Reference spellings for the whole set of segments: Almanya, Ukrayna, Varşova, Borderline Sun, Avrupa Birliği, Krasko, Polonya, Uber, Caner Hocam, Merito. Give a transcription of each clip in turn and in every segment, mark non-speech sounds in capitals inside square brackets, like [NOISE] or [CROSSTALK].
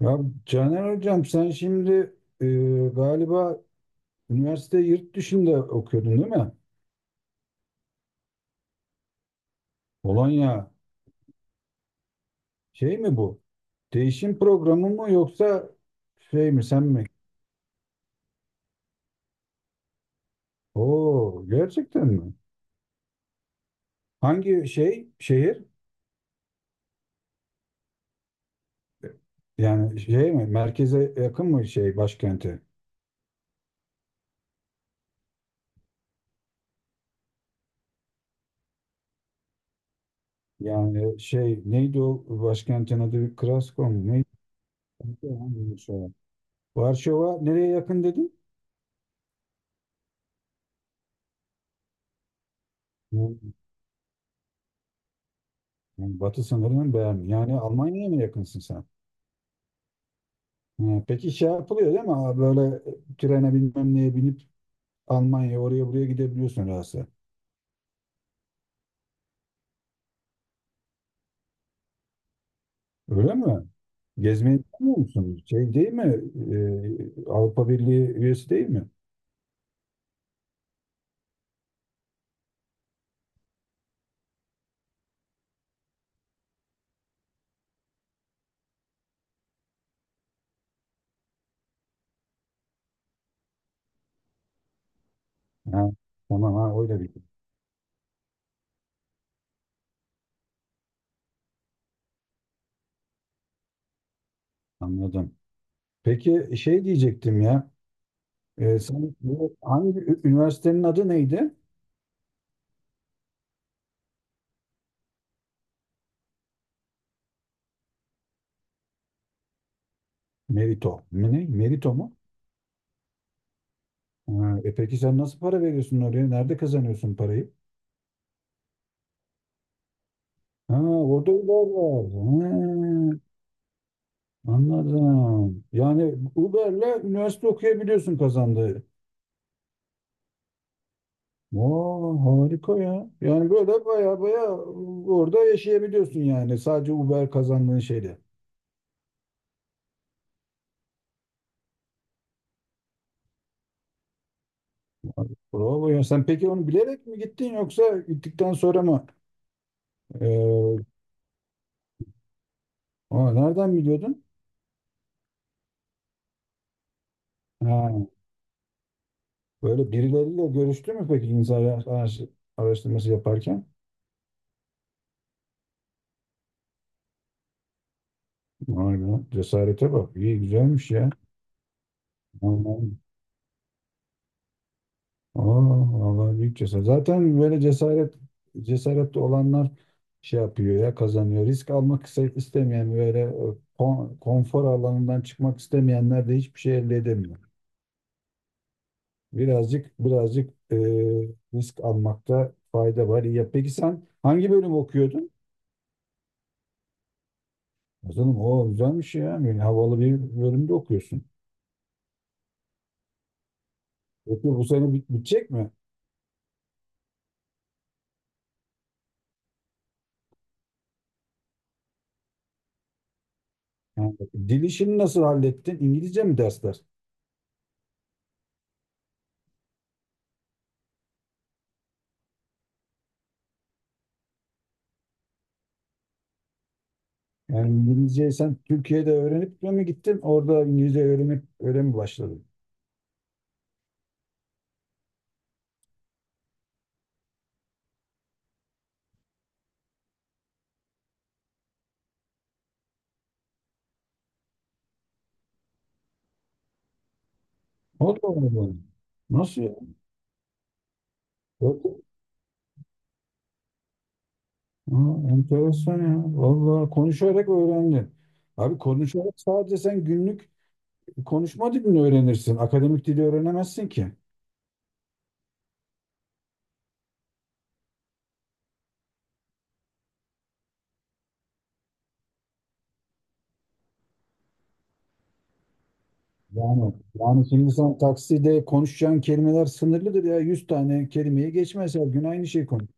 Ya Caner Hocam, sen şimdi e, galiba üniversite yurt dışında okuyordun, değil mi? Polonya şey mi bu? Değişim programı mı yoksa şey mi sen mi? Oo, gerçekten mi? Hangi şey şehir? Yani şey mi? Merkeze yakın mı şey başkenti? Yani şey neydi o başkentin adı? Krasko mu? Neydi? Varşova. Varşova nereye yakın dedin? Hmm. Yani batı sınırını beğendim. Yani Almanya'ya mı yakınsın sen? Ha, peki şey yapılıyor, değil mi? Ha, böyle trene bilmem neye binip Almanya oraya buraya gidebiliyorsun rahatsız. Öyle mi? Gezmeye gitmiyor musun? Şey, değil mi? Avrupa Birliği üyesi değil mi? Ha, tamam, ha, öyle bir şey. Anladım. Peki şey diyecektim ya. Sen bu hangi üniversitenin adı neydi? Merito. Mi ne? Merito mu? Ha, e peki sen nasıl para veriyorsun oraya? Nerede kazanıyorsun parayı? Ha, orada var. Ha. Anladım. Yani Uber'le üniversite okuyabiliyorsun kazandığı. Oo, harika ya. Yani böyle baya baya orada yaşayabiliyorsun yani sadece Uber kazandığın şeyle. Bravo ya. Sen peki onu bilerek mi gittin yoksa gittikten sonra mı? Ee, Nereden biliyordun? Ha, böyle birileriyle görüştü mü peki insan araştırması yaparken? Vay be, cesarete bak. İyi, güzelmiş ya. Aa, vallahi büyük cesaret. Zaten böyle cesaretli olanlar şey yapıyor ya, kazanıyor. Risk almak istemeyen, böyle konfor alanından çıkmak istemeyenler de hiçbir şey elde edemiyor. Birazcık birazcık, risk almakta fayda var. İyi. Ya peki sen hangi bölüm okuyordun? Canım, o güzelmiş ya. Yani havalı bir bölümde okuyorsun. Peki bu sene bitecek mi? Yani dil işini nasıl hallettin? İngilizce mi dersler? Yani İngilizceyi sen Türkiye'de öğrenip de mi gittin? Orada İngilizce öğrenip öyle mi başladın? O da olmadı. Nasıl ya? Yok. Aa, enteresan ya. Vallahi konuşarak öğrendin. Abi, konuşarak sadece sen günlük konuşma dilini öğrenirsin. Akademik dili öğrenemezsin ki. Yani, yani şimdi sen takside konuşacağın kelimeler sınırlıdır ya. 100 tane kelimeyi geçmez, her gün aynı şey konuş.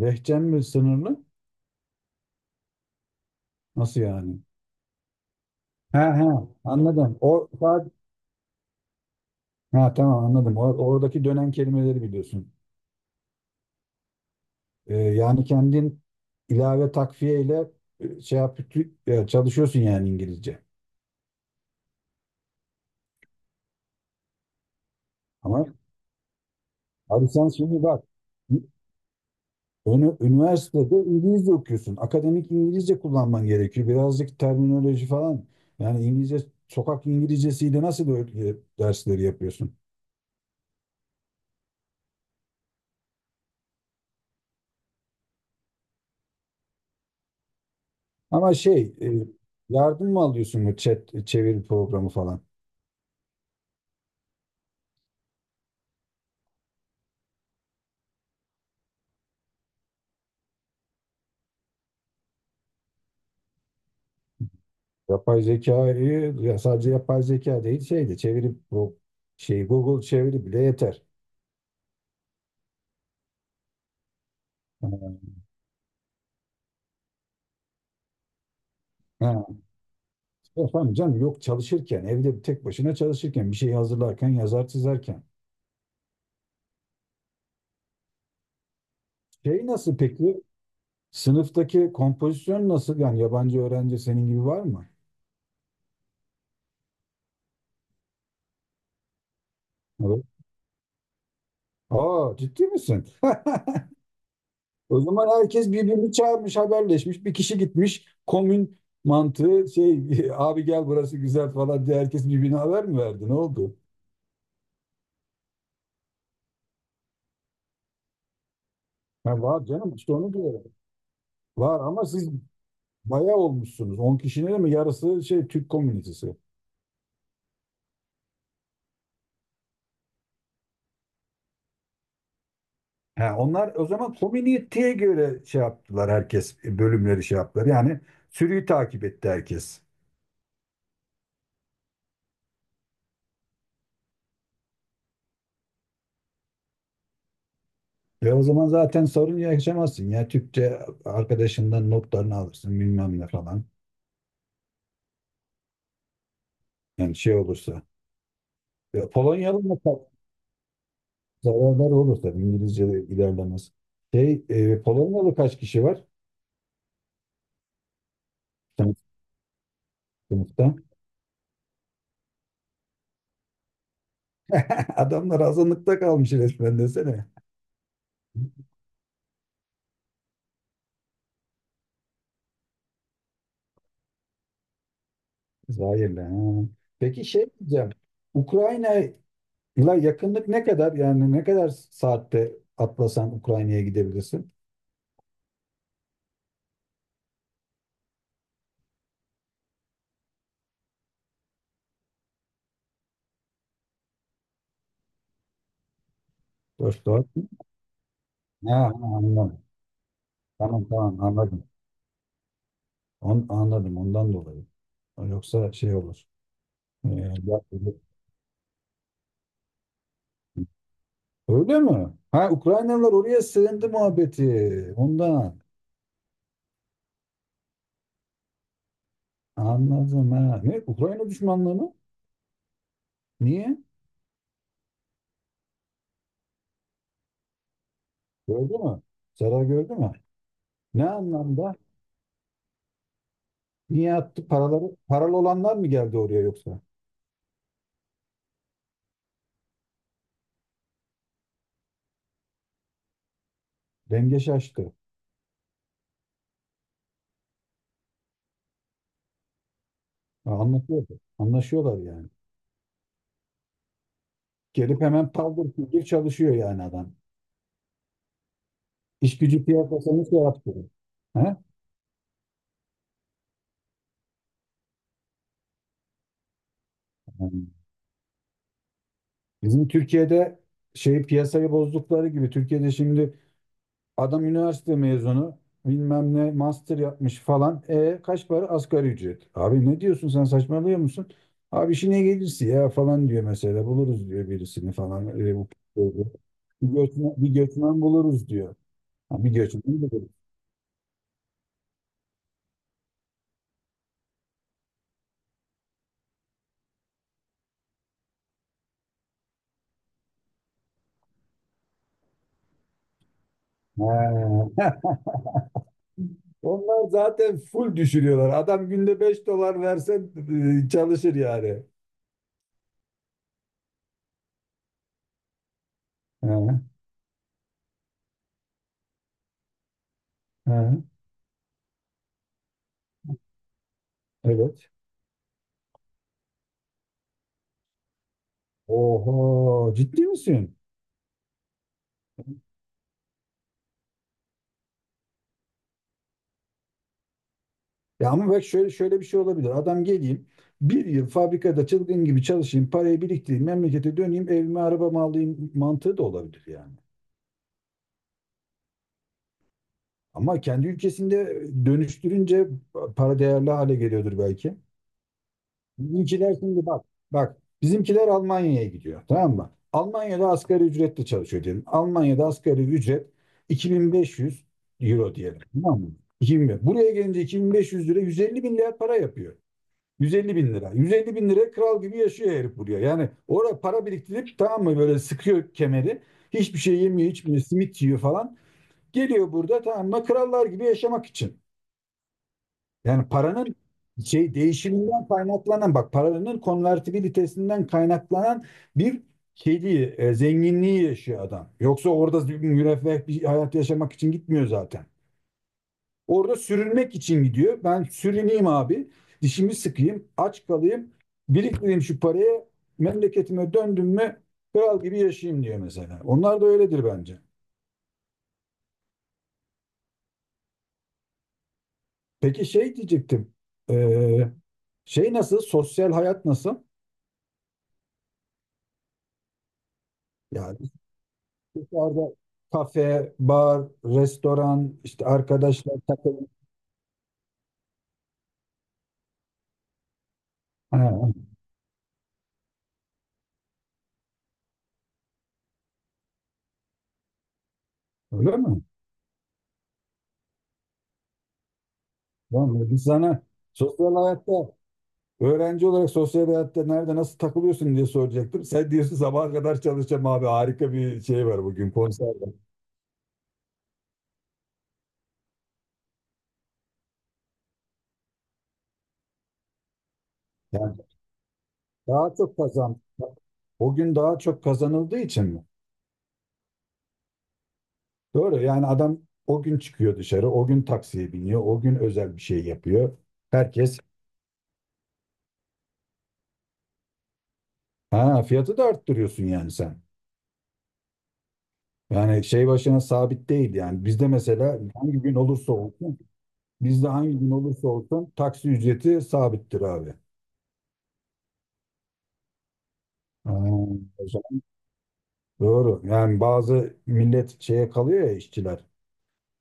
Lehçen mi sınırlı? Nasıl yani? He, he, anladım. O sadece... Ha, tamam, anladım. Oradaki dönen kelimeleri biliyorsun. Yani kendin ilave takviye ile, şey yap, çalışıyorsun yani İngilizce. Ama abi, sen şimdi bak, üniversitede İngilizce okuyorsun. Akademik İngilizce kullanman gerekiyor. Birazcık terminoloji falan. Yani İngilizce, sokak İngilizcesiyle nasıl böyle dersleri yapıyorsun? Ama şey, yardım mı alıyorsun, bu chat çeviri programı falan? Yapay zekayı ya, sadece yapay zeka değil, şeydi çevirip bu şey Google çeviri bile yeter. Ha, ha. Efendim canım, yok, çalışırken evde, bir tek başına çalışırken, bir şey hazırlarken, yazar çizerken. Şey nasıl peki, sınıftaki kompozisyon nasıl, yani yabancı öğrenci senin gibi var mı? Evet. Aa, ciddi misin? [LAUGHS] O zaman herkes birbirini çağırmış, haberleşmiş, bir kişi gitmiş komün mantığı şey [LAUGHS] abi gel burası güzel falan diye herkes birbirine haber mi verdi, ne oldu? Ha, var canım, işte onu diyorum. Var ama siz bayağı olmuşsunuz. 10 kişinin mi yarısı şey Türk komünitesi. Ha, onlar o zaman komüniteye göre şey yaptılar, herkes bölümleri şey yaptılar. Yani sürüyü takip etti herkes. Ve o zaman zaten sorun yaşamazsın ya, Türkçe arkadaşından notlarını alırsın bilmem ne falan. Yani şey olursa. E, Polonyalı mı zararları olur tabii, İngilizce de ilerlemez. Şey, Polonyalı kaç kişi var sen, sınıfta? [LAUGHS] Adamlar azınlıkta kalmış resmen, desene. Zahirle. Ha. Peki şey diyeceğim. Ukrayna'yla yakınlık ne kadar? Yani ne kadar saatte atlasan Ukrayna'ya gidebilirsin? 4 saat mi? Ha, ha, anladım. Tamam, tamam, anladım. On, anladım ondan dolayı. Yoksa şey olur. Ee, ya- Öyle mi? Ha, Ukraynalılar oraya sığındı muhabbeti. Ondan. Anladım, ha. Ne? Ukrayna düşmanlığı mı? Niye? Gördü mü? Zarar gördü mü? Ne anlamda? Niye attı? Paraları, paralı olanlar mı geldi oraya yoksa? Denge şaştı. Ha, anlatıyordu. Anlaşıyorlar yani. Gelip hemen paldır küldür çalışıyor yani adam. İş gücü piyasasını şey yaptı. He? Yani bizim Türkiye'de şey piyasayı bozdukları gibi Türkiye'de şimdi, adam üniversite mezunu, bilmem ne master yapmış falan. E kaç para? Asgari ücret. Abi ne diyorsun sen, saçmalıyor musun? Abi, işine gelirse ya falan diyor mesela, buluruz diyor birisini falan. E, bu, bu- bu. Bir göçmen, bir göçmen buluruz diyor. Ha, bir göçmen buluruz. Ha. [LAUGHS] Onlar zaten full düşürüyorlar. Adam günde 5 dolar versen çalışır yani. Ha, ha, evet. Oho, ciddi misin? Ya ama bak, şöyle şöyle bir şey olabilir. Adam geleyim bir yıl fabrikada çılgın gibi çalışayım, parayı biriktireyim, memlekete döneyim, evime arabamı alayım mantığı da olabilir yani. Ama kendi ülkesinde dönüştürünce para değerli hale geliyordur belki. Bizimkiler şimdi bak, bak bizimkiler Almanya'ya gidiyor, tamam mı? Almanya'da asgari ücretle çalışıyor diyelim. Almanya'da asgari ücret 2500 euro diyelim. Tamam mı? 2000. Buraya gelince 2500 lira 150 lira para yapıyor. 150 bin lira. 150 bin lira kral gibi yaşıyor herif buraya. Yani oraya para biriktirip, tamam mı, böyle sıkıyor kemeri. Hiçbir şey yemiyor, içmiyor, simit yiyor falan. Geliyor burada, tamam mı, krallar gibi yaşamak için. Yani paranın şey değişiminden kaynaklanan, bak, paranın konvertibilitesinden kaynaklanan bir şeyliği, zenginliği yaşıyor adam. Yoksa orada bir müreffeh bir hayat yaşamak için gitmiyor zaten. Orada sürünmek için gidiyor. Ben sürüneyim abi. Dişimi sıkayım. Aç kalayım. Biriktireyim şu parayı. Memleketime döndüm mü kral gibi yaşayayım diyor mesela. Onlar da öyledir bence. Peki şey diyecektim. Ee, Şey nasıl? Sosyal hayat nasıl? Yani dışarıda kafe, bar, restoran, işte arkadaşlar takılın. Ha, öyle mi? Tamam, biz sana sosyal hayatta öğrenci olarak sosyal hayatta nerede nasıl takılıyorsun diye soracaktım. Sen diyorsun sabaha kadar çalışacağım abi, harika bir şey var bugün, konser var. Yani daha çok kazan. O gün daha çok kazanıldığı için mi? Doğru, yani adam o gün çıkıyor dışarı, o gün taksiye biniyor, o gün özel bir şey yapıyor. Herkes... Ha, fiyatı da arttırıyorsun yani sen. Yani şey başına sabit değil yani. Bizde hangi gün olursa olsun taksi ücreti sabittir abi. Ha, doğru. Yani bazı millet şeye kalıyor ya, işçiler.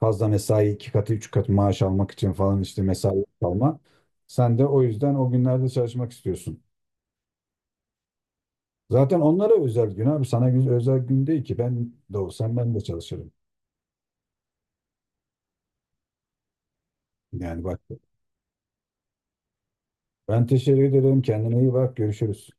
Fazla mesai iki katı üç katı maaş almak için falan, işte mesai kalma. Sen de o yüzden o günlerde çalışmak istiyorsun. Zaten onlara özel gün abi. Sana gün, özel gün değil ki. Ben de olsam ben de çalışırım. Yani bak. Ben teşekkür ederim. Kendine iyi bak. Görüşürüz.